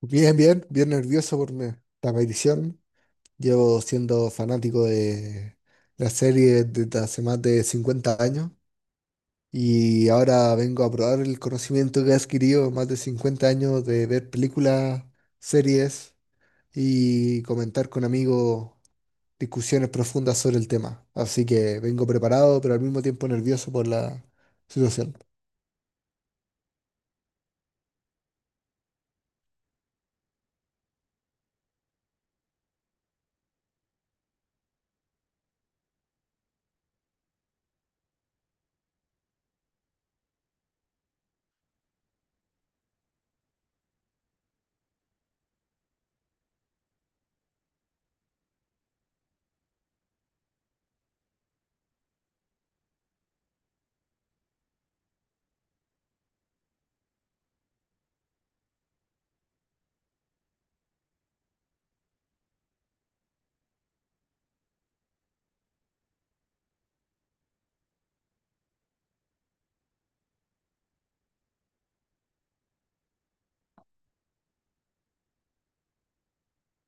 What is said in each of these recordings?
Bien, nervioso por esta aparición. Llevo siendo fanático de la serie desde hace más de 50 años y ahora vengo a probar el conocimiento que he adquirido en más de 50 años de ver películas, series y comentar con amigos discusiones profundas sobre el tema. Así que vengo preparado, pero al mismo tiempo nervioso por la situación.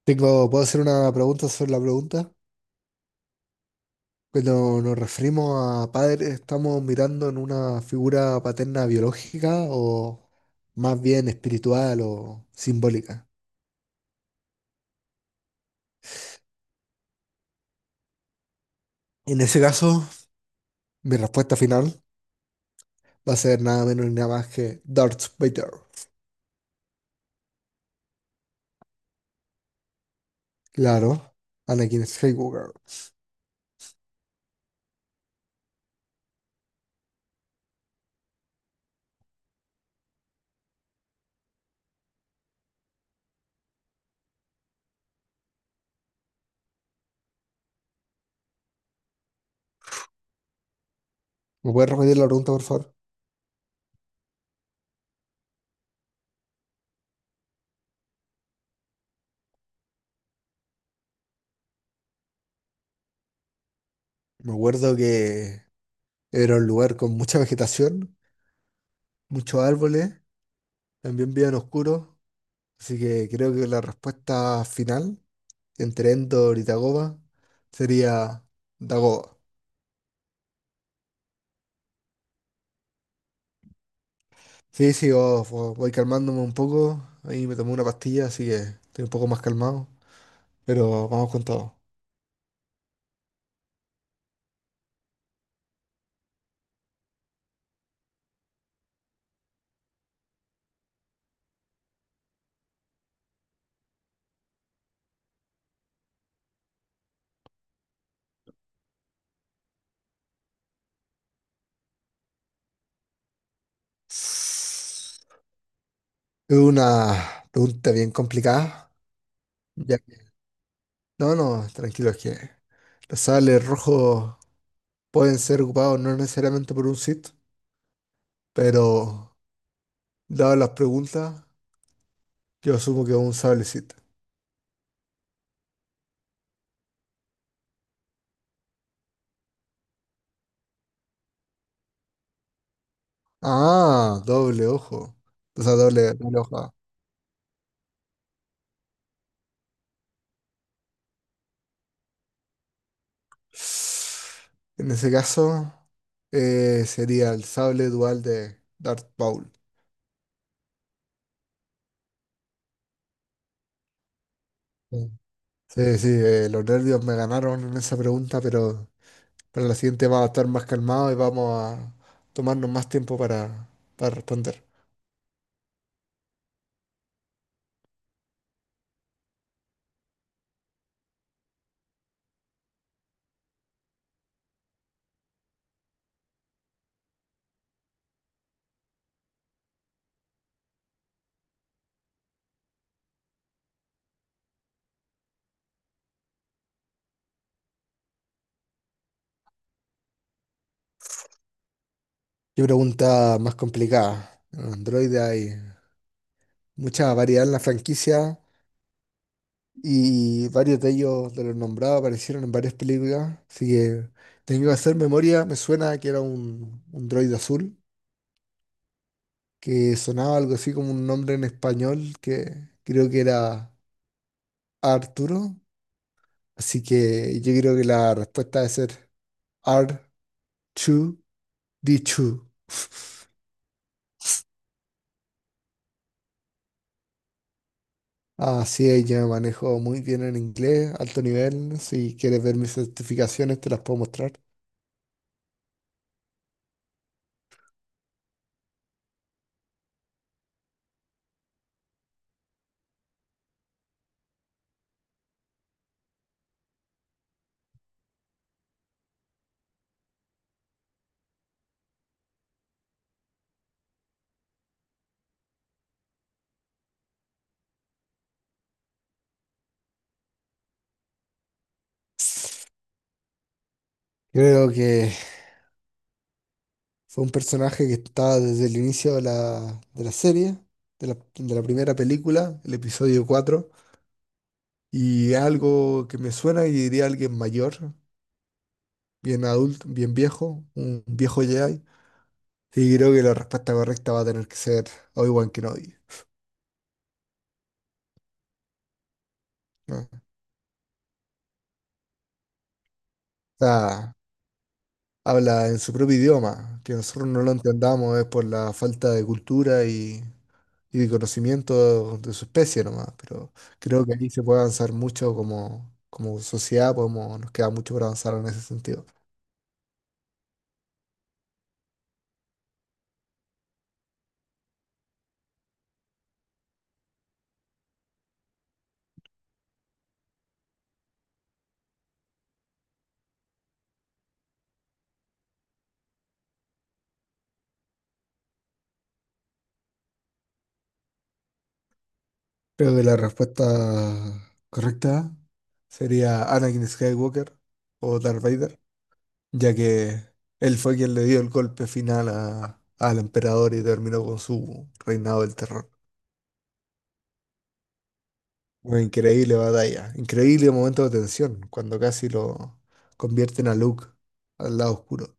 Tengo, ¿puedo hacer una pregunta sobre la pregunta? Cuando nos referimos a padre, estamos mirando en una figura paterna biológica o más bien espiritual o simbólica. En ese caso, mi respuesta final va a ser nada menos ni nada más que Darth Vader. Claro, Anakin Skywalker. ¿Me puedes repetir la pregunta, por favor? Me acuerdo que era un lugar con mucha vegetación, muchos árboles, también bien oscuro, así que creo que la respuesta final entre Endor y Dagoba sería Dagoba. Sí, sí, oh, voy calmándome un poco. Ahí me tomé una pastilla, así que estoy un poco más calmado. Pero vamos con todo. Es una pregunta bien complicada. Ya que- no, no, tranquilo, es que los sables rojos pueden ser ocupados no necesariamente por un Sith, pero dadas las preguntas, yo asumo que es un sable Sith. Ah, doble ojo. O sea, doble ojo. En ese caso, sería el sable dual de Darth Maul. Sí, sí, sí, los nervios me ganaron en esa pregunta, pero para la siguiente vamos a estar más calmados y vamos a tomarnos más tiempo para responder. Qué pregunta más complicada. En Android hay mucha variedad en la franquicia y varios de ellos, de los nombrados, aparecieron en varias películas, así que tengo que hacer memoria. Me suena que era un droide azul, que sonaba algo así como un nombre en español que creo que era Arturo. Así que yo creo que la respuesta debe ser R2D2. Así es, yo me manejo muy bien en inglés, alto nivel. Si quieres ver mis certificaciones, te las puedo mostrar. Creo que fue un personaje que estaba desde el inicio de la serie, de la primera película, el episodio 4 y algo que me suena y diría alguien mayor, bien adulto, bien viejo, un viejo Jedi. Y creo que la respuesta correcta va a tener que ser Obi-Wan Kenobi, ¿no? O sea, habla en su propio idioma, que nosotros no lo entendamos es por la falta de cultura y de conocimiento de su especie nomás, pero creo que aquí se puede avanzar mucho como sociedad, podemos, nos queda mucho por avanzar en ese sentido. Creo que la respuesta correcta sería Anakin Skywalker o Darth Vader, ya que él fue quien le dio el golpe final al emperador y terminó con su reinado del terror. Una increíble batalla, increíble momento de tensión, cuando casi lo convierten a Luke al lado oscuro.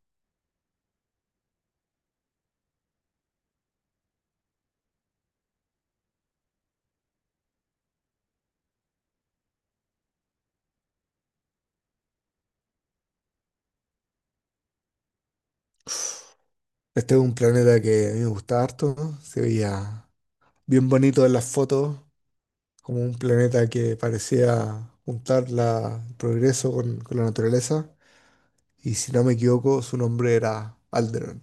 Este es un planeta que a mí me gusta harto, ¿no? Se veía bien bonito en las fotos, como un planeta que parecía juntar el progreso con la naturaleza. Y si no me equivoco, su nombre era Alderaan.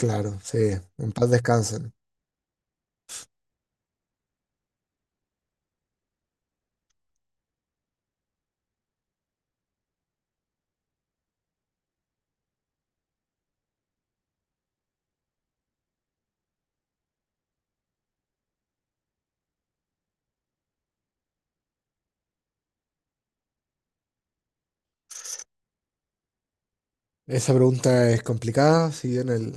Claro, sí, en paz descansen. Esa pregunta es complicada, si bien el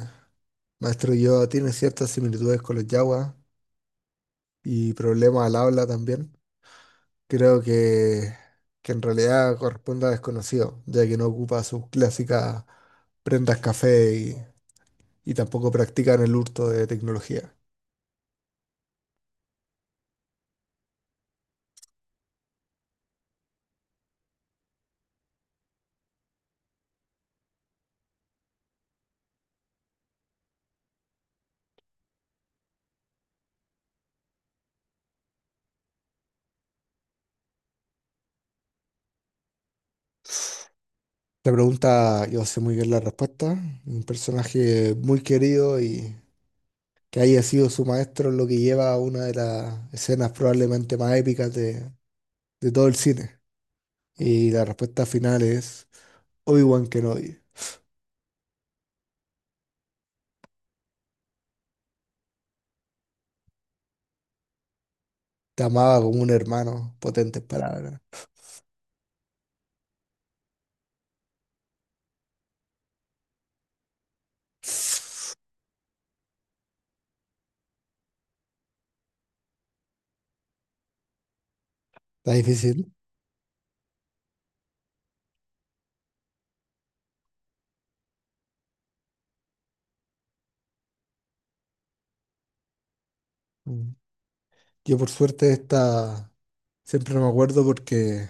maestro Yoda tiene ciertas similitudes con los Jawas y problemas al habla también, creo que en realidad corresponde a desconocido, ya que no ocupa sus clásicas prendas café y tampoco practican el hurto de tecnología. Esta pregunta, yo sé muy bien la respuesta, un personaje muy querido y que haya sido su maestro lo que lleva a una de las escenas probablemente más épicas de todo el cine. Y la respuesta final es Obi-Wan Kenobi. Te amaba como un hermano, potentes palabras. Está difícil. Mm. Yo por suerte esta siempre no me acuerdo porque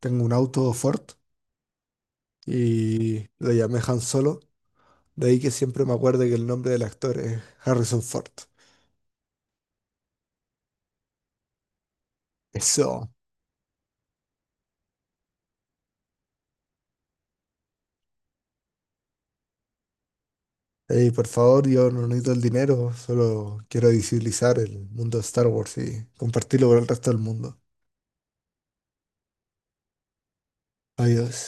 tengo un auto Ford y lo llamé Han Solo. De ahí que siempre me acuerdo que el nombre del actor es Harrison Ford. Eso. Ey, por favor, yo no necesito el dinero, solo quiero visibilizar el mundo de Star Wars y compartirlo con el resto del mundo. Adiós.